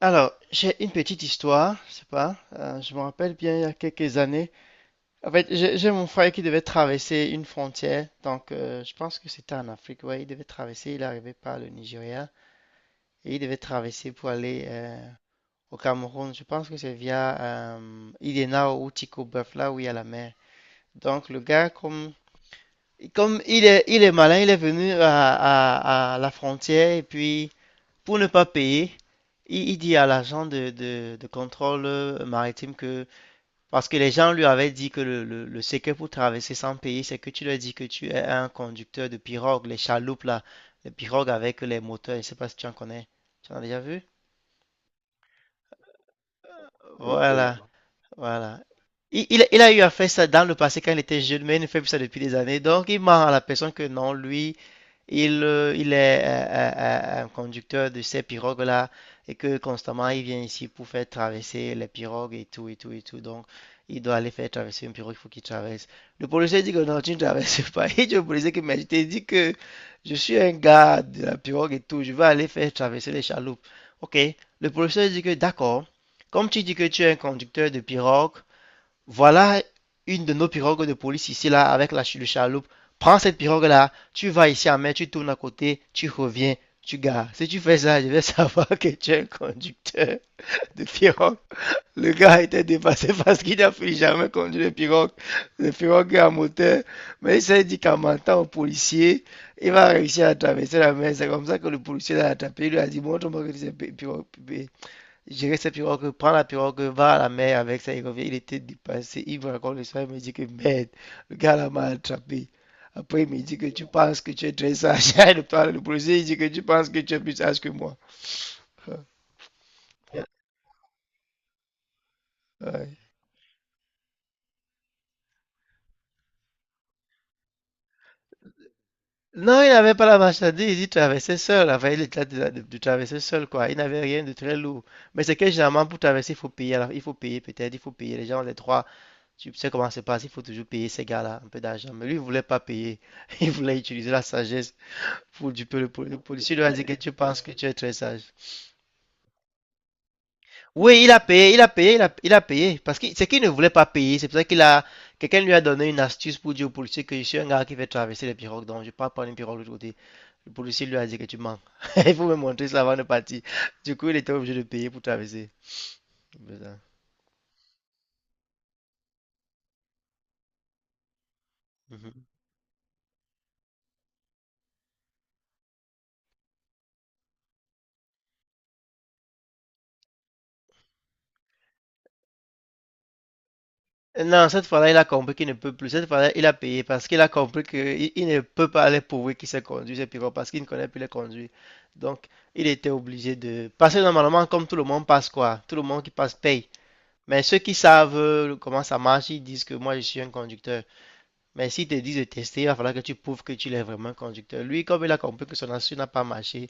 Alors, j'ai une petite histoire, je sais pas, je me rappelle bien il y a quelques années. En fait, j'ai mon frère qui devait traverser une frontière, donc je pense que c'était en Afrique, ouais, il devait traverser, il arrivait par le Nigeria, et il devait traverser pour aller au Cameroun, je pense que c'est via Idena ou Tikoboeuf, là où il y a la mer. Donc le gars, comme il est malin, il est venu à la frontière, et puis. Pour ne pas payer, il dit à l'agent de contrôle maritime que, parce que les gens lui avaient dit que le secret pour traverser sans payer, c'est que tu leur dis que tu es un conducteur de pirogue, les chaloupes là, les pirogues avec les moteurs, je sais pas si tu en connais. Tu en as déjà vu? Voilà, voilà. Il a eu à faire ça dans le passé quand il était jeune, mais il ne fait plus ça depuis des années. Donc, il ment à la personne que non, lui, il est un conducteur de ces pirogues-là et que constamment il vient ici pour faire traverser les pirogues et tout et tout et tout. Donc il doit aller faire traverser une pirogue, il faut qu'il traverse. Le policier dit que non, tu ne traverses pas. Et le policier qui m'a dit que je suis un gars de la pirogue et tout, je vais aller faire traverser les chaloupes. Ok, le policier dit que d'accord, comme tu dis que tu es un conducteur de pirogue, voilà une de nos pirogues de police ici, là, avec la chaloupe. Prends cette pirogue-là, tu vas ici en mer, tu tournes à côté, tu reviens, tu gares. Si tu fais ça, je vais savoir que tu es un conducteur de pirogue. Le gars était dépassé parce qu'il n'a plus jamais conduit de pirogue. Le pirogue est à moteur. Mais il s'est dit qu'en mentant au policier, il va réussir à traverser la mer. C'est comme ça que le policier l'a attrapé. Il lui a dit, montre-moi que tu sais je dirais sa pirogue, prends la pirogue, va à la mer avec ça, il revient, il était dépassé, il me raconte l'histoire, il me dit que merde, le gars là m'a attrapé. Après il me dit que tu penses que tu es très sage, il parle le policier, il dit que tu penses que tu es plus sage que moi. Ouais. Non, il n'avait pas la marchandise, il traversait seul, enfin il était de traverser seul quoi, il n'avait rien de très lourd. Mais c'est que généralement pour traverser il faut payer, alors il faut payer peut-être, il faut payer, les gens les trois, tu sais comment ça se passe, il faut toujours payer ces gars-là un peu d'argent. Mais lui il voulait pas payer, il voulait utiliser la sagesse pour du peu, le policier lui a dit que tu penses que tu es très sage. Oui, il a payé, il a payé, il a payé. Parce que c'est qu'il ne voulait pas payer. C'est pour ça qu'il a. Quelqu'un lui a donné une astuce pour dire au policier que je suis un gars qui fait traverser les pirogues. Donc, je pars prendre une pirogue de l'autre côté. Le policier lui a dit que tu mens. Il faut me montrer ça avant de partir. Du coup, il était obligé de payer pour traverser. Putain. Mhm. Non, cette fois-là, il a compris qu'il ne peut plus. Cette fois-là, il a payé parce qu'il a compris qu'il il ne peut pas aller prouver qu'il sait conduire ses pirogues parce qu'il ne connaît plus les conduire. Donc, il était obligé de passer normalement comme tout le monde passe quoi. Tout le monde qui passe paye. Mais ceux qui savent comment ça marche, ils disent que moi je suis un conducteur. Mais s'ils te disent de tester, il va falloir que tu prouves que tu es vraiment un conducteur. Lui, comme il a compris que son assurance n'a pas marché,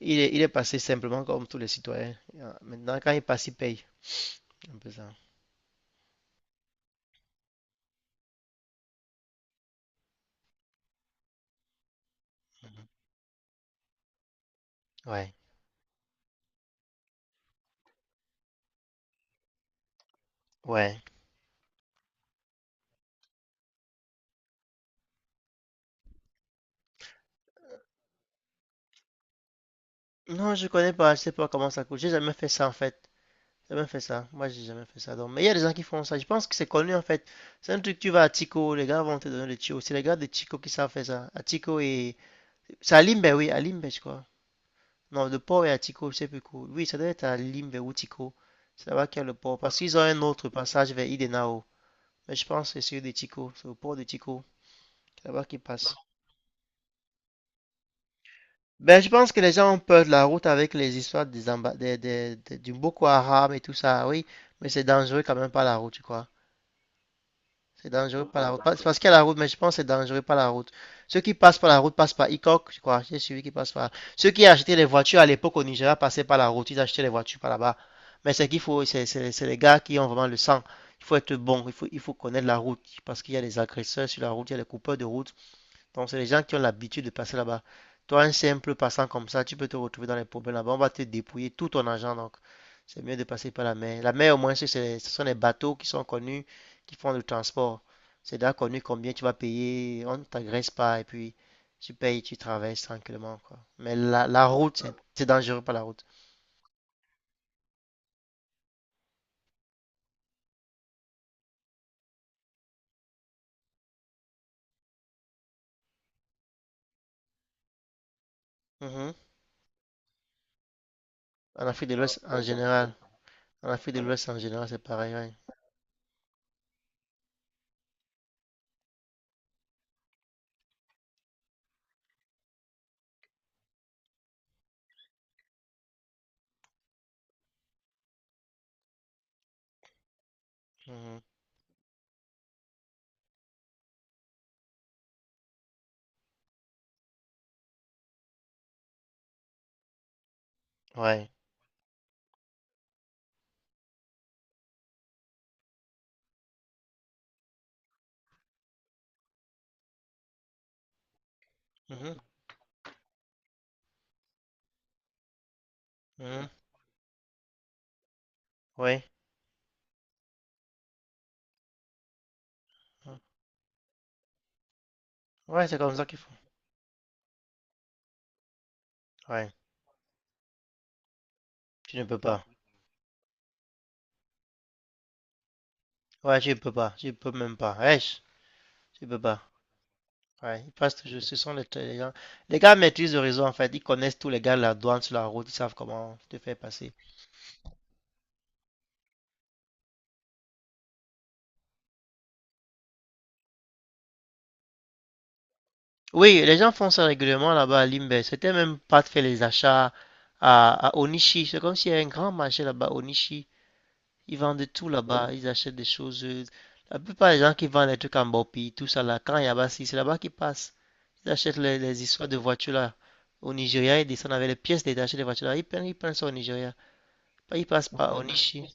il est passé simplement comme tous les citoyens. Maintenant, quand il passe, il paye. Un peu ça. Ouais, ouais. Non, je connais pas, je sais pas comment ça coûte. J'ai jamais fait ça en fait. J'ai jamais fait ça. Moi, j'ai jamais fait ça. Donc, mais il y a des gens qui font ça. Je pense que c'est connu en fait. C'est un truc, tu vas à Tico, les gars vont te donner le tuyau. C'est les gars de Tico qui savent faire ça. À Tico et. C'est à Limbe, oui, à Limbe, je crois. Non, le port est à Tico, je sais plus quoi. Oui, ça doit être à Limbe ou Tico. C'est là-bas qu'il y a le port. Parce qu'ils ont un autre passage vers Idenao. Mais je pense que c'est celui de Tico. C'est le port de Tico. C'est là-bas qu'il passe. Ben, je pense que les gens ont peur de la route avec les histoires des, du Boko Haram et tout ça, oui, mais c'est dangereux quand même pas la route, tu crois. C'est dangereux pas la route. Pas- C'est parce qu'il y a la route, mais je pense que c'est dangereux pas la route. Ceux qui passent par la route passent par Ikok, je crois. J'ai suivi qui passent par. Ceux qui achetaient les voitures à l'époque au Nigeria passaient par la route, ils achetaient les voitures par là-bas. Mais c'est qu'il faut, c'est les gars qui ont vraiment le sang. Il faut être bon, il faut connaître la route, parce qu'il y a des agresseurs sur la route, il y a des coupeurs de route. Donc, c'est les gens qui ont l'habitude de passer là-bas. Toi, un simple passant comme ça, tu peux te retrouver dans les problèmes là-bas. On va te dépouiller tout ton argent. Donc, c'est mieux de passer par la mer. La mer, au moins, c'est- ce sont les bateaux qui sont connus, qui font le transport. C'est déjà connu combien tu vas payer. On ne t'agresse pas. Et puis, tu payes, tu traverses tranquillement, quoi. Mais la route, c'est dangereux par la route. Mhm. En Afrique de l'Ouest, en général. En Afrique de l'Ouest, en général, c'est pareil, ouais. Mhm. Ouais. Mhm. Mhm. Ouais. Ouais, c'est comme ça qu'il faut. Ouais. Tu ne peux pas. Ouais, tu ne peux pas. Tu ne peux même pas. Ouais, tu ne peux pas. Ouais, ils passent toujours. Ce sont les gens. Les gars maîtrisent le réseau, en fait. Ils connaissent tous les gars de la douane sur la route. Ils savent comment te faire passer. Oui, les gens font ça régulièrement là-bas à Limbe. C'était même pas de faire les achats à Onishi. C'est comme s'il y avait un grand marché là-bas, Onishi. Ils vendent de tout là-bas. Ils achètent des choses. La plupart des gens qui vendent des trucs en Bopi, tout ça là, quand il y a Bassi, c'est là-bas qu'ils passent. Ils achètent les histoires de voitures là. Au Nigeria, ils descendent avec les pièces détachées des voitures là. Ils prennent ça au Nigeria. Ils passent par Onishi.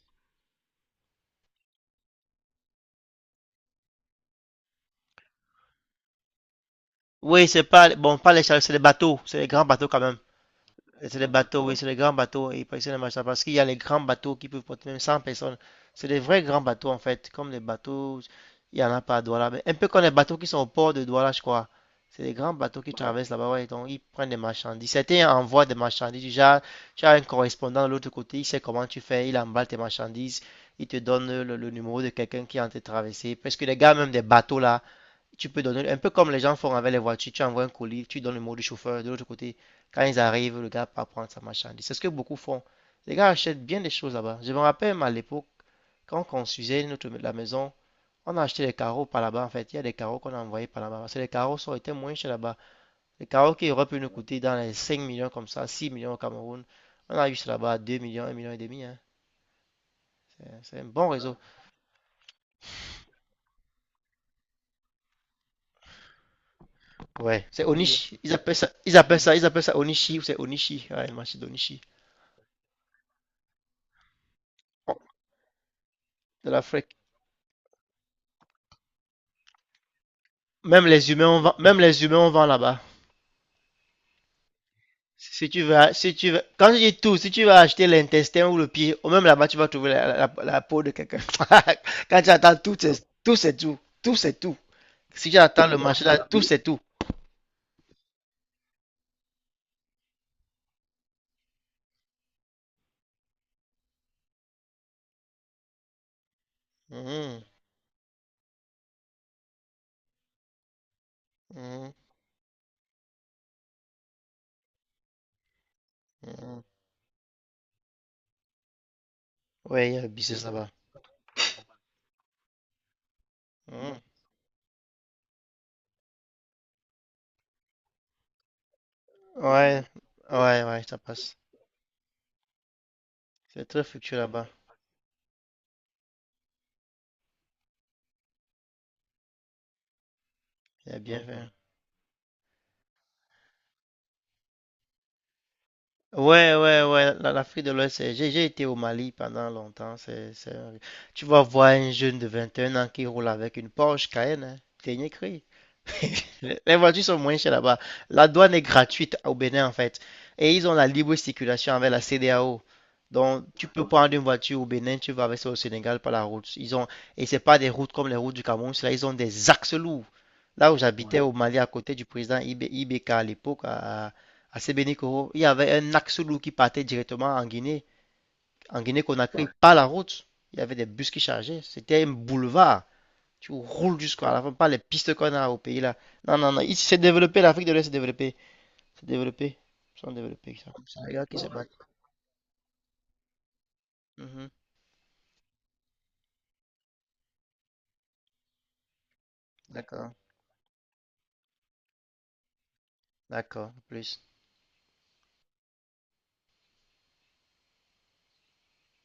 Oui, c'est pas, bon, pas les chars, c'est les bateaux. C'est les grands bateaux quand même. C'est les bateaux, oui, c'est les grands bateaux. Oui, ils prennent les machins parce qu'il y a les grands bateaux qui peuvent porter même 100 personnes. C'est des vrais grands bateaux en fait, comme les bateaux. Il n'y en a pas à Douala. Mais un peu comme les bateaux qui sont au port de Douala, je crois. C'est des grands bateaux qui traversent là-bas, ouais, donc ils prennent des marchandises. Certains envoient des marchandises. Déjà, tu as un correspondant de l'autre côté, il sait comment tu fais, il emballe tes marchandises, il te donne le numéro de quelqu'un qui est en train de traverser. Parce que les gars, même des bateaux là, tu peux donner, un peu comme les gens font avec les voitures, tu envoies un colis, tu donnes le mot du chauffeur, de l'autre côté, quand ils arrivent, le gars part prendre sa marchandise. C'est ce que beaucoup font. Les gars achètent bien des choses là-bas. Je me rappelle même à l'époque, quand on construisait notre, la maison, on a acheté des carreaux par là-bas, en fait. Il y a des carreaux qu'on a envoyés par là-bas. Parce que les carreaux sont été moins chers là-bas. Les carreaux qui auraient pu nous coûter dans les 5 millions comme ça, 6 millions au Cameroun. On a eu ça là-bas à 2 millions, 1 million et demi. Hein. C'est un bon réseau. Ouais. C'est oui. Onishi. Ils appellent ça, ils appellent ça, ils appellent ça Onishi ou c'est Onishi. Ouais, le marché d'Onishi. De l'Afrique. Même les humains, on vend, même les humains, on vend là-bas. Si tu veux, si tu veux, quand je dis tout, si tu vas acheter l'intestin ou le pied, ou même là-bas, tu vas trouver la, la peau de quelqu'un. Quand tu attends tout, c'est tout, c'est tout. Tout, c'est tout. Si tu attends le marché là, tout, c'est tout. Mhm, mhm, mhm. Ouais, il y a un business là-bas. Mhm. Ouais, ouais, ouais, ça passe. C'est très fructueux là-bas. Il y a bien fait. Hein. Ouais, ouais, ouais, l'Afrique de l'Ouest, j'ai été au Mali pendant longtemps. C'est Tu vas voir un jeune de 21 ans qui roule avec une Porsche Cayenne, hein, dernier cri. Les voitures sont moins chères là-bas. La douane est gratuite au Bénin en fait. Et ils ont la libre circulation avec la CEDEAO. Donc tu peux prendre une voiture au Bénin, tu vas avec ça au Sénégal par la route. Ils ont et c'est pas des routes comme les routes du Cameroun, là ils ont des axes lourds. Là où j'habitais au Mali à côté du président IBK à l'époque à Sebenikoro, il y avait un axe lourd qui partait directement en Guinée, en Guinée-Conakry, par la route. Il y avait des bus qui chargeaient. C'était un boulevard. Tu roules jusqu'à la fin, pas les pistes qu'on a au pays là. Non, non, non. Ici, c'est développé. L'Afrique de l'Ouest s'est développée. C'est développé. Ils sont développés, ça. C'est les gars qui se battent. Mhm. D'accord. D'accord. Plus.